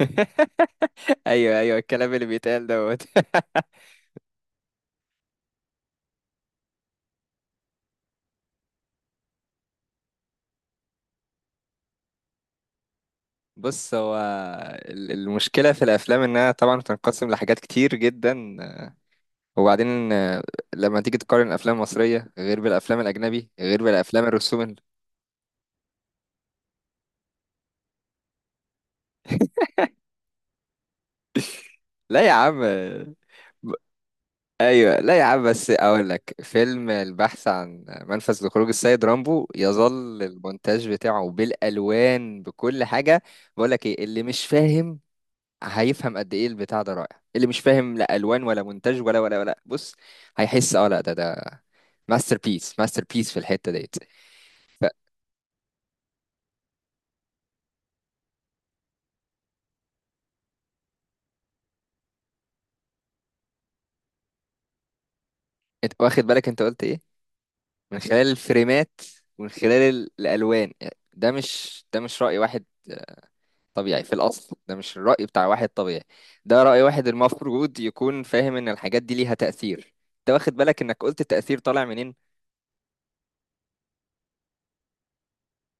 ايوه ايوه، الكلام اللي بيتقال دوت. بص، هو المشكله في الافلام انها طبعا بتنقسم لحاجات كتير جدا. وبعدين لما تيجي تقارن الافلام المصريه غير بالافلام الاجنبي غير بالافلام الرسوم لا يا عم، ب- ايوه، لا يا عم بس اقول لك فيلم البحث عن منفذ لخروج السيد رامبو، يظل المونتاج بتاعه بالالوان بكل حاجه. بقول لك ايه اللي مش فاهم؟ هيفهم قد ايه البتاع ده رائع. اللي مش فاهم لا الوان ولا مونتاج ولا بص، هيحس. اه لا، ده ماستر بيس ماستر بيس في الحته ديت. فانت واخد بالك انت قلت ايه؟ من خلال الفريمات ومن خلال الالوان. ده مش راي واحد طبيعي في الاصل. ده مش الراي بتاع واحد طبيعي، ده راي واحد المفروض يكون فاهم ان الحاجات دي ليها تاثير. انت واخد بالك انك قلت التاثير طالع منين؟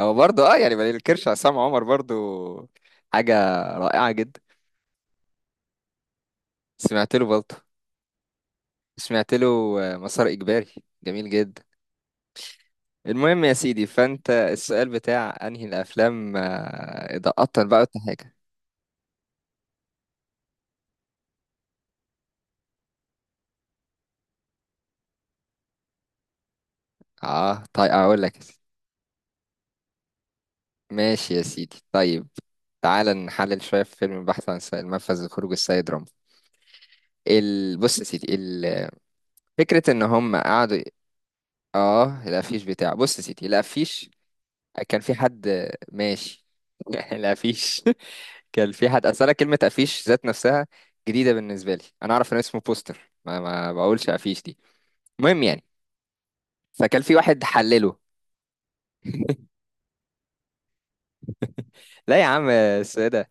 هو برضه يعني ما ننكرش عصام عمر برضه حاجه رائعه جدا. سمعت له برضه، سمعت له مسار إجباري، جميل جدا. المهم يا سيدي، فأنت السؤال بتاع أنهي الأفلام إضاءة بقى ولا حاجة؟ طيب أقول لك يا سيدي. ماشي يا سيدي، طيب تعال نحلل شوية في فيلم البحث عن سائل منفذ لخروج السيد رامبو. بص يا سيدي، فكرة إن هم قعدوا. آه، الأفيش بتاعه. بص يا سيدي، الأفيش كان في حد ماشي يعني لا فيش. كان في حد، اصل انا كلمه افيش ذات نفسها جديده بالنسبه لي. انا اعرف ان اسمه بوستر، ما بقولش افيش دي. المهم يعني فكان في واحد حلله. لا يا عم السيدة،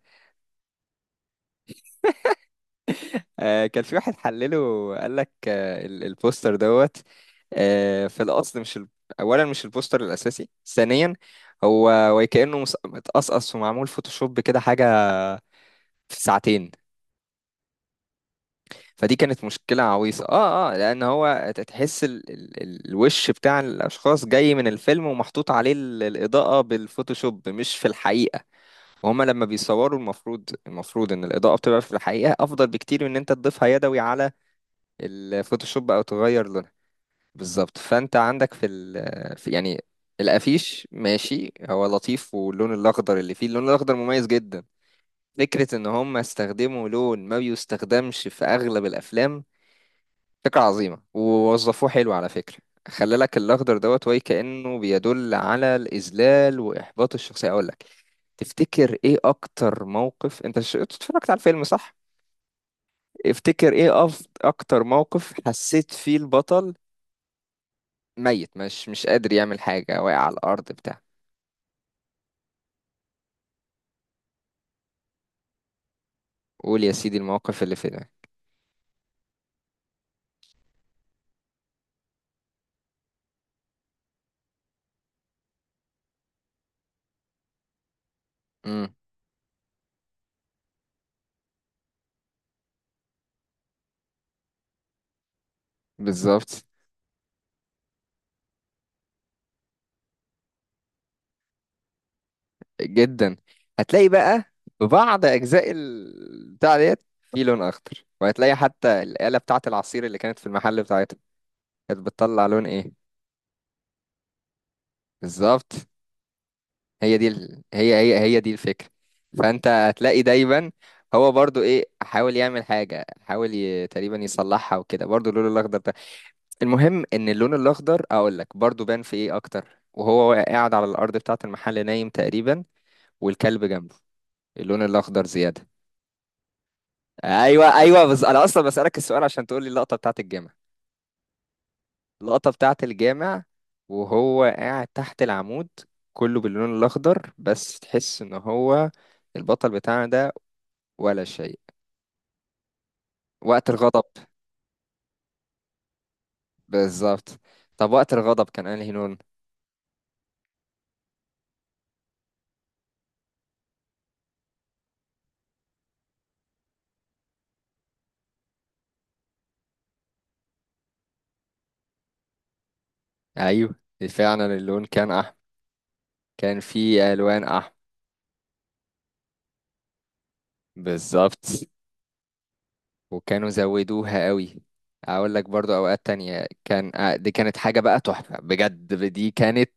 آه كان في واحد حلله. قال لك آه، البوستر دوت آه، في الاصل مش اولا مش البوستر الاساسي. ثانيا هو وكأنه متقصقص ومعمول فوتوشوب كده حاجه في ساعتين. فدي كانت مشكلة عويصة، لأن هو تحس الوش بتاع الأشخاص جاي من الفيلم ومحطوط عليه الإضاءة بالفوتوشوب مش في الحقيقة. وهما لما بيصوروا، المفروض إن الإضاءة بتبقى في الحقيقة أفضل بكتير من إن أنت تضيفها يدوي على الفوتوشوب أو تغير لونها. بالظبط. فأنت عندك في يعني الأفيش ماشي. هو لطيف، واللون الأخضر اللي فيه، اللون الأخضر مميز جدا. فكرة إن هما استخدموا لون ما بيستخدمش في أغلب الأفلام. فكرة عظيمة ووظفوه حلو على فكرة. خلى لك الأخضر دوت وي كأنه بيدل على الإذلال وإحباط الشخصية. أقول لك، تفتكر إيه أكتر موقف؟ أنت أنت اتفرجت على الفيلم صح؟ افتكر إيه أكتر موقف حسيت فيه البطل ميت، مش قادر يعمل حاجة، واقع على الأرض بتاع. قول يا سيدي المواقف اللي في ده. امم. بالظبط، جدا. هتلاقي بقى بعض اجزاء بتاع ديت في لون اخضر. وهتلاقي حتى الآلة بتاعة العصير اللي كانت في المحل بتاعتها كانت بتطلع لون ايه؟ بالظبط، هي دي هي دي الفكرة. فانت هتلاقي دايما هو برضو ايه، حاول يعمل حاجة، حاول تقريبا يصلحها وكده برضو اللون الاخضر ده. المهم ان اللون الاخضر، اقول لك برضو، بان في ايه اكتر وهو قاعد على الارض بتاعة المحل نايم تقريبا والكلب جنبه، اللون الاخضر زيادة. ايوه ايوه، بس انا اصلا بسالك السؤال عشان تقول لي اللقطه بتاعت الجامع. اللقطه بتاعت الجامع وهو قاعد تحت العمود كله باللون الاخضر، بس تحس ان هو البطل بتاعنا ده ولا شيء وقت الغضب. بالظبط. طب وقت الغضب كان انهي لون؟ ايوه، فعلا اللون كان احمر، كان فيه الوان احمر. بالظبط، وكانوا زودوها قوي. اقول لك برضو اوقات تانية كان دي كانت حاجة بقى تحفة بجد. دي كانت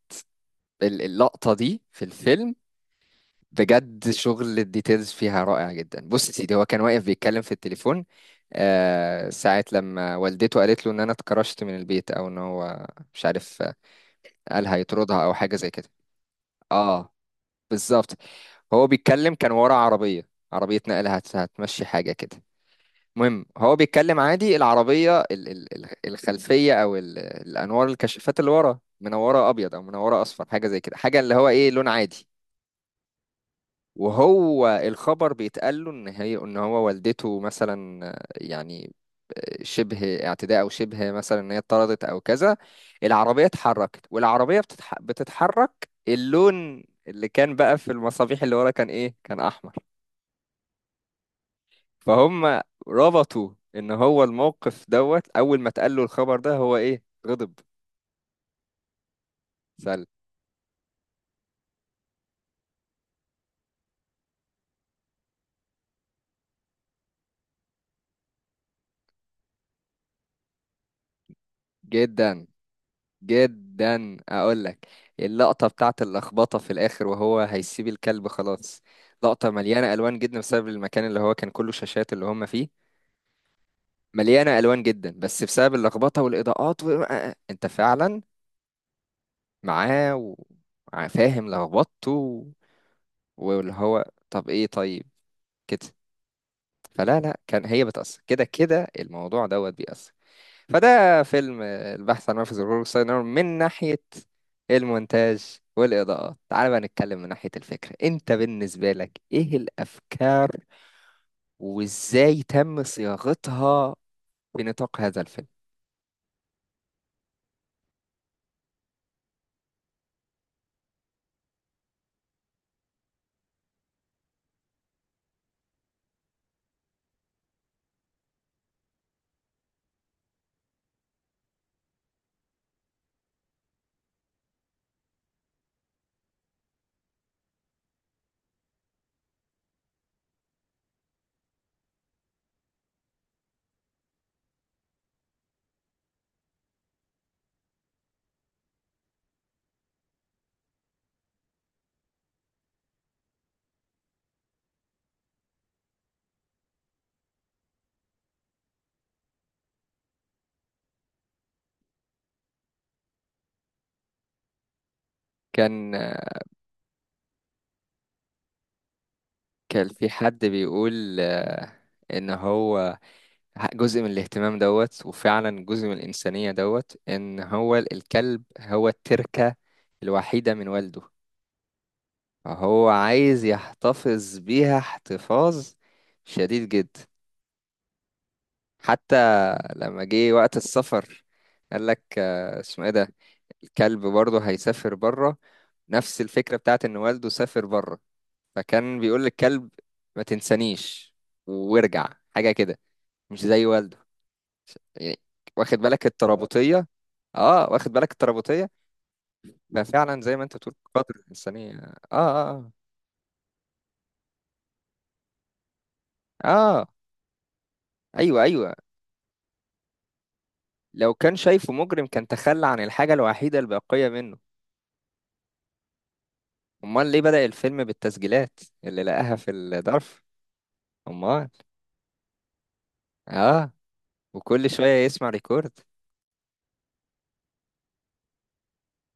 اللقطة دي في الفيلم بجد شغل الديتيلز فيها رائع جدا. بص يا سيدي، هو كان واقف بيتكلم في التليفون آه ساعة لما والدته قالت له ان انا اتكرشت من البيت، او ان هو مش عارف قال هيطردها او حاجة زي كده. اه بالظبط. هو بيتكلم، كان ورا عربية، عربية نقل هتمشي حاجة كده. المهم هو بيتكلم عادي، العربية الخلفية او الانوار الكشافات اللي ورا منورة ابيض او منورة اصفر، حاجة زي كده، حاجة اللي هو ايه، لون عادي. وهو الخبر بيتقال له ان هي، ان هو والدته مثلا يعني شبه اعتداء، او شبه مثلا ان هي اتطردت او كذا. العربيه اتحركت، والعربيه بتتحرك، اللون اللي كان بقى في المصابيح اللي ورا كان ايه؟ كان احمر. فهم، ربطوا ان هو الموقف دوت اول ما اتقال له الخبر ده هو ايه؟ غضب. سل. جدا جدا اقول لك. اللقطه بتاعت اللخبطه في الاخر وهو هيسيب الكلب خلاص، لقطه مليانه الوان جدا بسبب المكان اللي هو كان كله شاشات اللي هم فيه. مليانه الوان جدا بس بسبب اللخبطه والاضاءات انت فعلا معاه وفاهم لخبطته واللي هو طب ايه؟ طيب كده، فلا لا كان هي بتأثر، كده كده الموضوع دوت بيأثر. فده فيلم البحث عن منفذ للخروج السينما من ناحية المونتاج والإضاءات. تعال بقى نتكلم من ناحية الفكرة. أنت بالنسبة لك إيه الأفكار وإزاي تم صياغتها في نطاق هذا الفيلم؟ كان كان في حد بيقول إن هو جزء من الاهتمام دوت، وفعلا جزء من الإنسانية دوت، إن هو الكلب هو التركة الوحيدة من والده. هو عايز يحتفظ بيها احتفاظ شديد جدا، حتى لما جه وقت السفر قال لك اسمه ايه ده، الكلب برضه هيسافر بره. نفس الفكرة بتاعت ان والده سافر بره، فكان بيقول للكلب ما تنسانيش وارجع، حاجة كده، مش زي والده يعني. واخد بالك الترابطية؟ اه، واخد بالك الترابطية. ففعلا زي ما انت بتقول قدر الإنسانية. اه اه اه آه، ايوه ايوه، لو كان شايفه مجرم كان تخلى عن الحاجة الوحيدة الباقية منه. أمال ليه بدأ الفيلم بالتسجيلات اللي لقاها في الظرف؟ أمال. آه، وكل شوية يسمع ريكورد.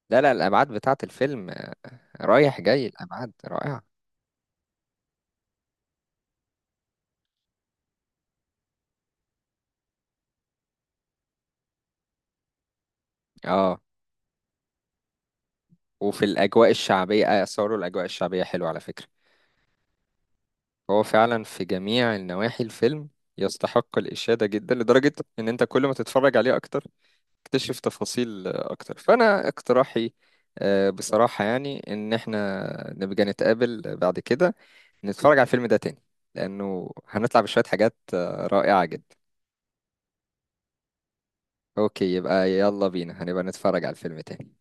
لا لا، الأبعاد بتاعة الفيلم رايح جاي، الأبعاد رائعة. آه، وفي الأجواء الشعبية، آه صوروا الأجواء الشعبية حلوة على فكرة. هو فعلا في جميع النواحي الفيلم يستحق الإشادة جدا، لدرجة إن أنت كل ما تتفرج عليه أكتر اكتشف تفاصيل اكتر. فانا اقتراحي بصراحة يعني ان احنا نبقى نتقابل بعد كده نتفرج على الفيلم ده تاني، لانه هنطلع بشوية حاجات رائعة جدا. اوكي، يبقى يلا بينا، هنبقى نتفرج على الفيلم تاني.